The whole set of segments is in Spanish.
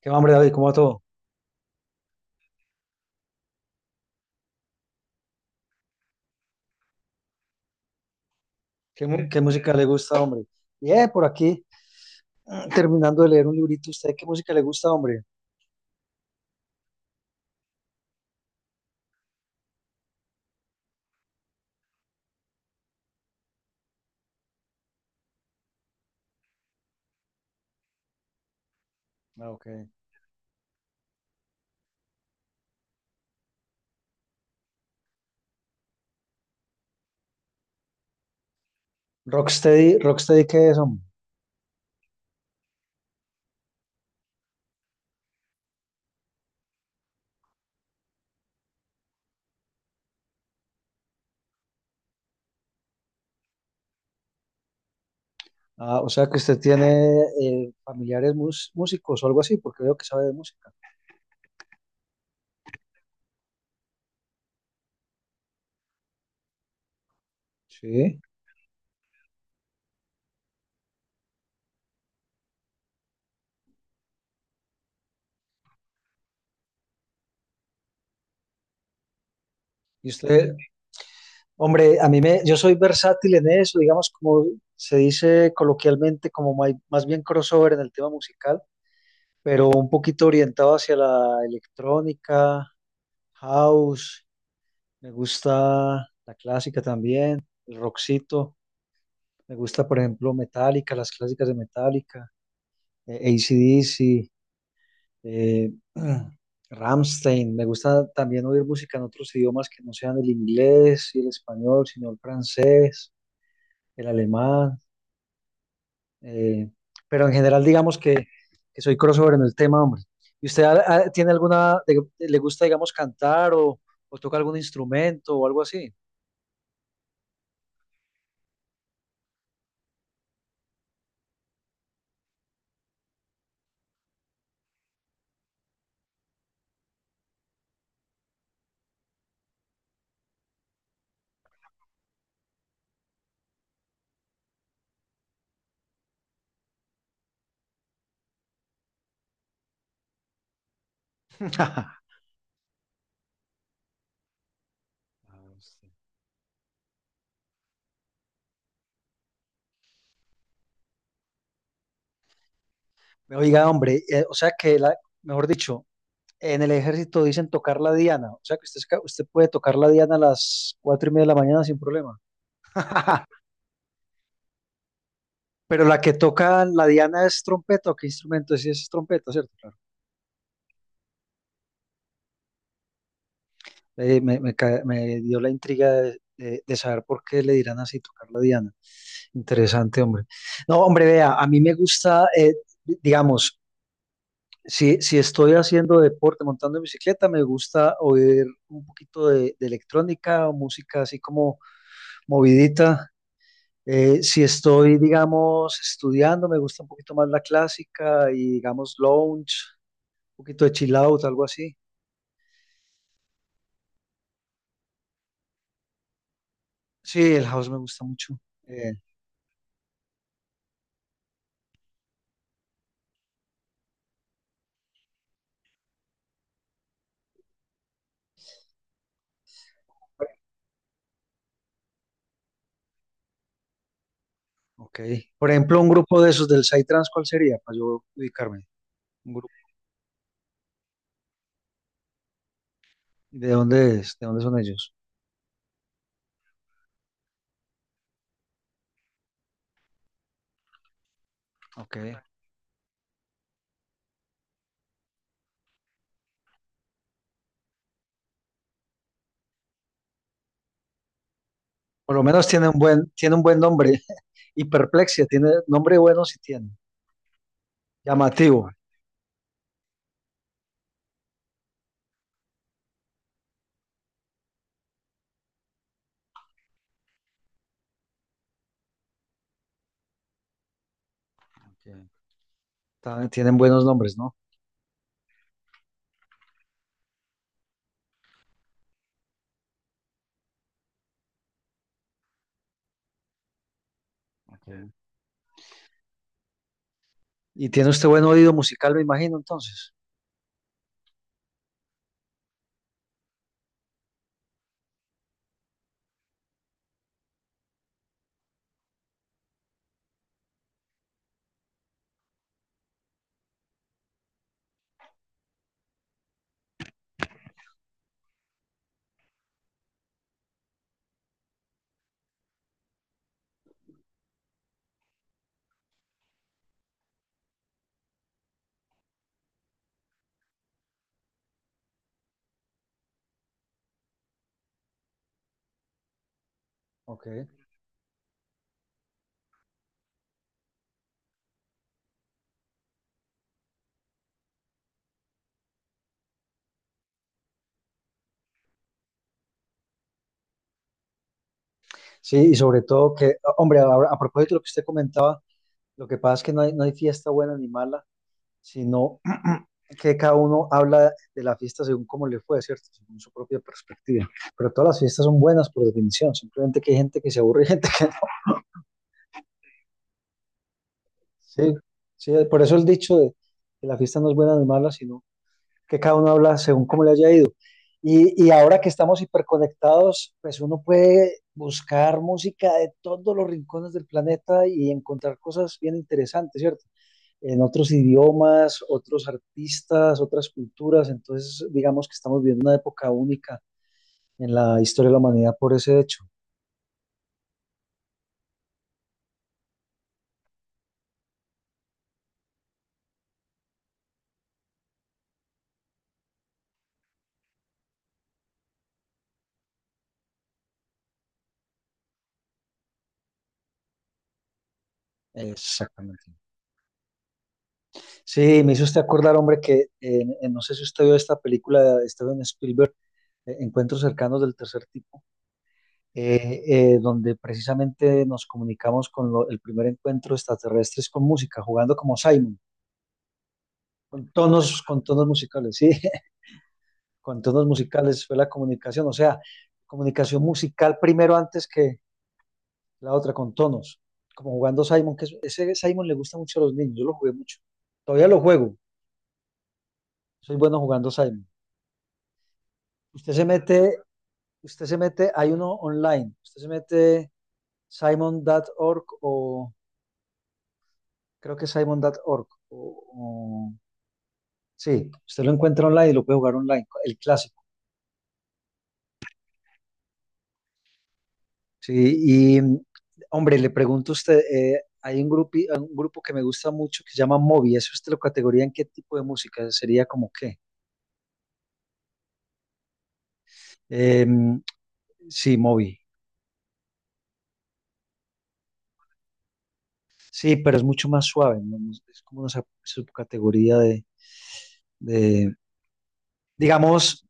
¿Qué va, hombre, David? ¿Cómo va todo? ¿Qué, qué música le gusta, hombre? Bien, por aquí, terminando de leer un librito. ¿Usted qué música le gusta, hombre? Ah, ok. Rocksteady, Rocksteady, ¿qué es, hombre? Ah, o sea que usted tiene familiares músicos o algo así, porque veo que sabe de música. Sí. Y usted, hombre, yo soy versátil en eso, digamos, como se dice coloquialmente, como más bien crossover en el tema musical, pero un poquito orientado hacia la electrónica, house. Me gusta la clásica también, el rockcito. Me gusta, por ejemplo, Metallica, las clásicas de Metallica, AC/DC, eh, Rammstein. Me gusta también oír música en otros idiomas que no sean el inglés y el español, sino el francés, el alemán. eh, pero en general, digamos que soy crossover en el tema, hombre. ¿Y usted tiene alguna, le gusta, digamos, cantar o toca algún instrumento o algo así? Oiga, hombre, o sea que, mejor dicho, en el ejército dicen tocar la diana, o sea que usted, usted puede tocar la diana a las 4:30 de la mañana sin problema. Pero la que toca la diana es trompeta, ¿o qué instrumento es? Sí, es trompeta, ¿cierto? Claro. Me dio la intriga de saber por qué le dirán así tocar la diana. Interesante, hombre. No, hombre, vea, a mí me gusta, digamos, si estoy haciendo deporte, montando en bicicleta, me gusta oír un poquito de electrónica o música así como movidita. Si estoy, digamos, estudiando, me gusta un poquito más la clásica y, digamos, lounge, un poquito de chill out, algo así. Sí, el house me gusta mucho. Eh, ok. Por ejemplo, un grupo de esos del Psytrance, ¿cuál sería? Para yo ubicarme. Un grupo. ¿De dónde es? ¿De dónde son ellos? Ok. Por lo menos tiene un buen nombre. Hiperplexia, tiene nombre bueno si tiene. Llamativo. Ok. Tienen buenos nombres, ¿no? Ok. Y tiene usted buen oído musical, me imagino, entonces. Ok. Sí, y sobre todo que, hombre, ahora, a propósito de lo que usted comentaba, lo que pasa es que no hay fiesta buena ni mala, sino que cada uno habla de la fiesta según cómo le fue, ¿cierto? Según su propia perspectiva. Pero todas las fiestas son buenas por definición, simplemente que hay gente que se aburre y gente que no. Sí, sí, por eso el dicho de que la fiesta no es buena ni mala, sino que cada uno habla según cómo le haya ido. Y ahora que estamos hiperconectados, pues uno puede buscar música de todos los rincones del planeta y encontrar cosas bien interesantes, ¿cierto? En otros idiomas, otros artistas, otras culturas. Entonces, digamos que estamos viviendo una época única en la historia de la humanidad por ese hecho. Exactamente. Sí, me hizo usted acordar, hombre, que no sé si usted vio esta película de Steven Spielberg, Encuentros cercanos del tercer tipo. eh, Donde precisamente nos comunicamos con el primer encuentro de extraterrestres con música, jugando como Simon, con tonos musicales, sí, con tonos musicales fue la comunicación, o sea, comunicación musical primero antes que la otra, con tonos, como jugando Simon, ese Simon le gusta mucho a los niños, yo lo jugué mucho, todavía lo juego, soy bueno jugando Simon. Usted se mete, usted se mete, hay uno online, usted se mete Simon punto org o creo que Simon simon.org o, sí, usted lo encuentra online y lo puede jugar online, el clásico. Sí, y hombre, le pregunto a usted, hay un grupo que me gusta mucho que se llama Moby, ¿eso usted lo categoría en qué tipo de música? ¿Sería como qué? Em, sí, Moby. Sí, pero es mucho más suave, ¿no? No. Es como una subcategoría de- digamos,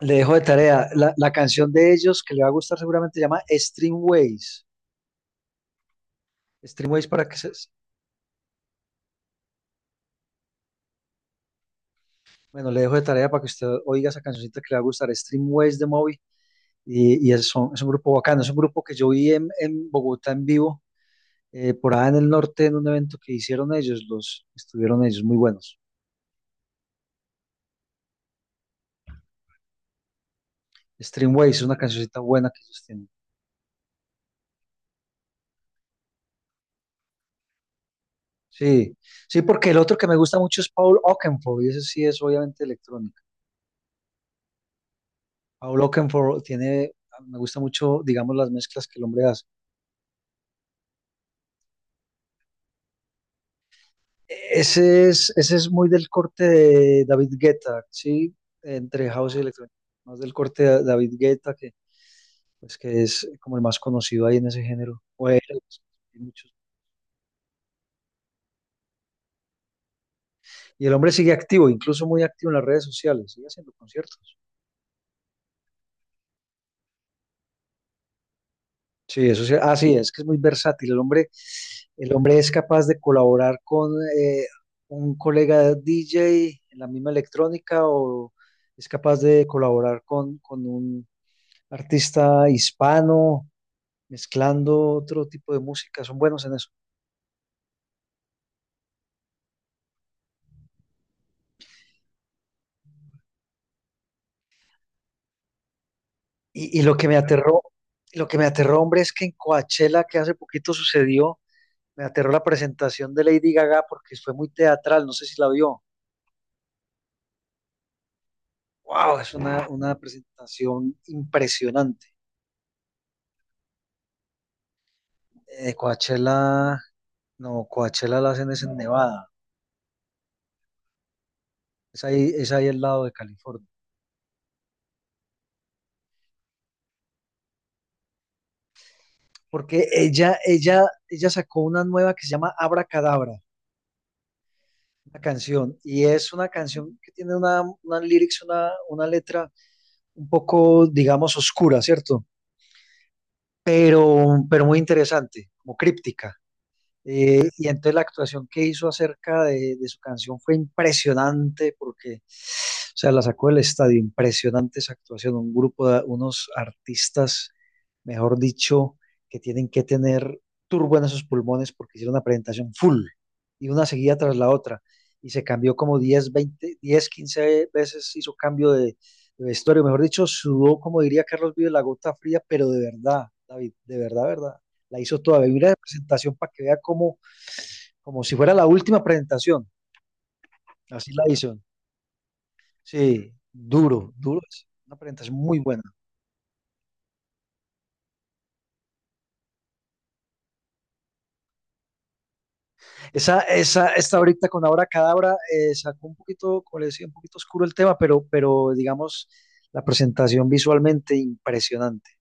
le dejo de tarea, la canción de ellos que le va a gustar seguramente se llama Streamways. Streamways para que se... Bueno, le dejo de tarea para que usted oiga esa cancioncita que le va a gustar, Streamways de Moby. Y es un grupo bacano, es un grupo que yo vi en, Bogotá en vivo, por allá en el norte, en un evento que hicieron ellos, los estuvieron ellos, muy buenos. Streamways es una cancioncita buena que ellos tienen. Sí, sí, porque el otro que me gusta mucho es Paul Oakenfold, y ese sí es obviamente electrónica. Paul Oakenfold tiene, me gusta mucho, digamos, las mezclas que el hombre hace. Ese es muy del corte de David Guetta, sí, entre house y electrónica, más del corte de David Guetta que pues que es como el más conocido ahí en ese género. O era, hay muchos. Y el hombre sigue activo, incluso muy activo en las redes sociales, sigue haciendo conciertos. Sí, eso sí, sí, es que es muy versátil. El hombre es capaz de colaborar con eh, un colega DJ en la misma electrónica o es capaz de colaborar con un artista hispano, mezclando otro tipo de música. Son buenos en eso. Y lo que me Claro. Lo que me aterró, hombre, es que en Coachella, que hace poquito sucedió, me aterró la presentación de Lady Gaga porque fue muy teatral, no sé si la vio. Wow, es una presentación impresionante. Coachella, no, Coachella la hacen es en Nevada, es ahí al lado de California. Porque ella sacó una nueva que se llama Abracadabra, una canción, y es una canción que tiene una lyrics, una letra un poco, digamos, oscura, ¿cierto? Pero muy interesante, como críptica. Y entonces la actuación que hizo acerca de su canción fue impresionante porque, o sea, la sacó del estadio, impresionante esa actuación, un grupo de unos artistas, mejor dicho, que tienen que tener turbo en sus pulmones porque hicieron una presentación full y una seguida tras la otra y se cambió como 10, 20, 10, 15 veces, hizo cambio de vestuario, mejor dicho, sudó, como diría Carlos Vives, la gota fría, pero de verdad, David, de verdad, verdad la hizo toda, vi la presentación para que vea como si fuera la última presentación, así la hizo. Sí, duro, duro, es una presentación muy buena. Esta ahorita con Ahora Cadabra sacó un poquito, como le decía, un poquito oscuro el tema, pero digamos, la presentación visualmente impresionante.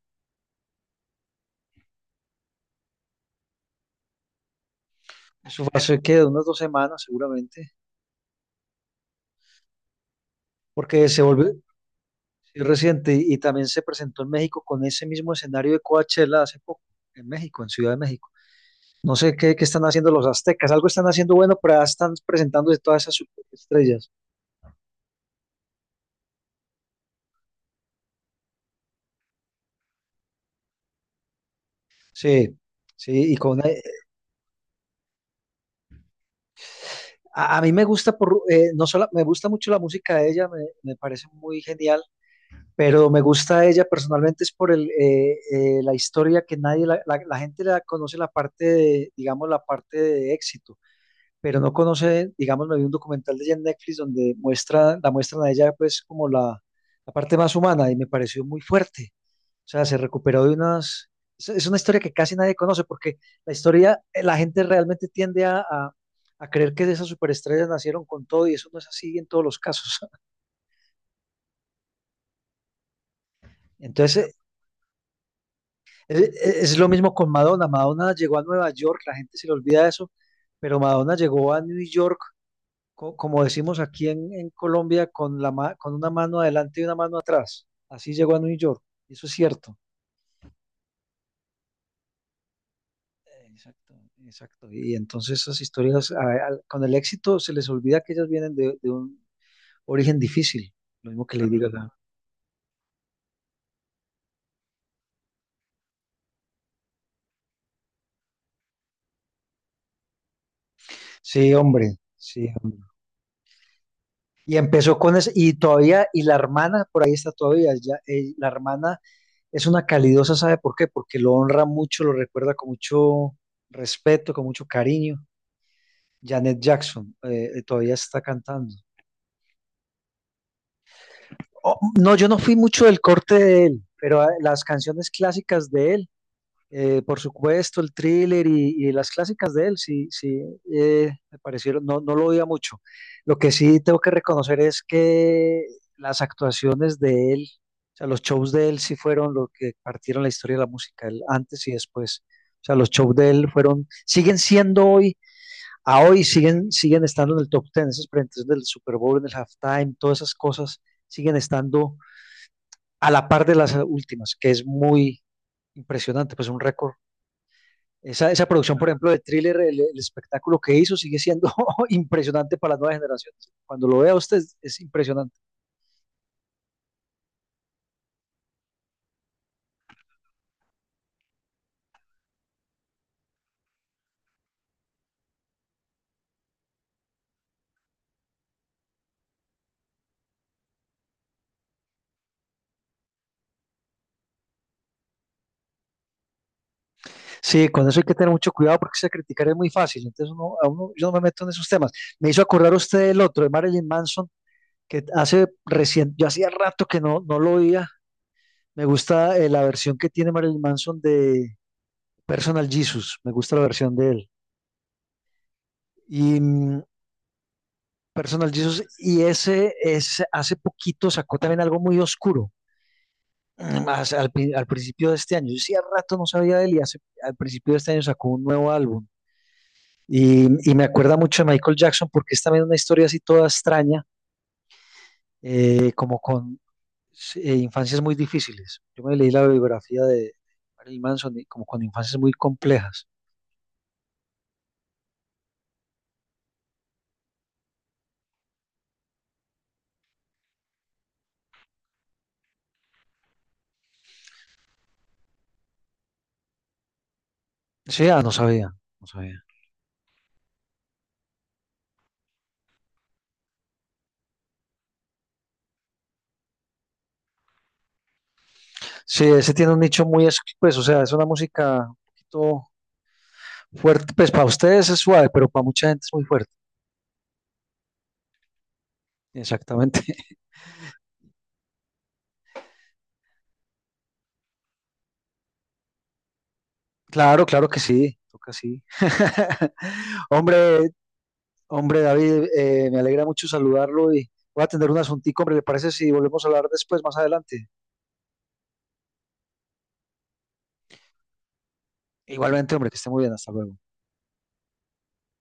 Eso fue hace que de unas 2 semanas seguramente, porque se volvió sí, reciente y también se presentó en México con ese mismo escenario de Coachella hace poco, en México, en Ciudad de México. No sé qué están haciendo los aztecas, algo están haciendo bueno, pero ya están presentándose todas esas estrellas. Sí, sí, y a mí me gusta por no solo me gusta mucho la música de ella, me parece muy genial, pero me gusta ella personalmente es por la historia que nadie la gente la conoce la parte de, digamos la parte de éxito, pero no conoce, digamos, me vi un documental de ella en Netflix donde muestra, la muestran a ella pues como la parte más humana y me pareció muy fuerte. O sea, se recuperó de unas... Es una historia que casi nadie conoce porque la historia, la gente realmente tiende a creer que esas superestrellas nacieron con todo y eso no es así en todos los casos. Entonces, es lo mismo con Madonna. Madonna llegó a Nueva York, la gente se le olvida eso, pero Madonna llegó a New York como decimos aquí en, Colombia, con una mano adelante y una mano atrás. Así llegó a New York. Eso es cierto. Exacto, exacto. Y entonces esas historias, con el éxito, se les olvida que ellas vienen de un origen difícil. Lo mismo que le digo acá. Sí, hombre, sí, hombre. Y empezó con eso, y todavía, y la hermana por ahí está todavía, ya, la hermana es una calidosa, ¿sabe por qué? Porque lo honra mucho, lo recuerda con mucho respeto, con mucho cariño. Janet Jackson todavía está cantando. Oh, no, yo no fui mucho del corte de él, pero las canciones clásicas de él, por supuesto, el thriller y las clásicas de él, sí, sí, me parecieron, no lo oía mucho. Lo que sí tengo que reconocer es que las actuaciones de él, o sea, los shows de él sí fueron lo que partieron la historia de la música, el antes y después. O sea, los shows de él fueron, siguen siendo hoy a hoy siguen estando en el top 10, esas presentaciones del Super Bowl, en el halftime, todas esas cosas siguen estando a la par de las últimas, que es muy impresionante, pues un récord. Esa producción, por ejemplo, de Thriller, el espectáculo que hizo sigue siendo impresionante para las nuevas generaciones. Cuando lo vea usted es impresionante. Sí, con eso hay que tener mucho cuidado porque se criticar es muy fácil. Entonces uno, a uno, yo no me meto en esos temas. Me hizo acordar usted el otro, de Marilyn Manson, que hace recién, yo hacía rato que no lo oía, me gusta la versión que tiene Marilyn Manson de Personal Jesus. Me gusta la versión de él. Y Personal Jesus, y ese es, hace poquito sacó también algo muy oscuro. Más al principio de este año. Yo sí, al rato no sabía de él y hace, al principio de este año sacó un nuevo álbum. Y me acuerda mucho de Michael Jackson porque es también una historia así toda extraña, como con sí, infancias muy difíciles. Yo me leí la biografía de Marilyn Manson y como con infancias muy complejas. Sí, no sabía, no sabía. Sí, ese tiene un nicho muy, pues, o sea, es una música un poquito fuerte, pues para ustedes es suave, pero para mucha gente es muy fuerte. Exactamente. Claro, claro que sí, toca sí. Hombre, hombre, David, me alegra mucho saludarlo y voy a atender un asuntico, hombre, ¿le parece si volvemos a hablar después, más adelante? Igualmente, hombre, que esté muy bien, hasta luego.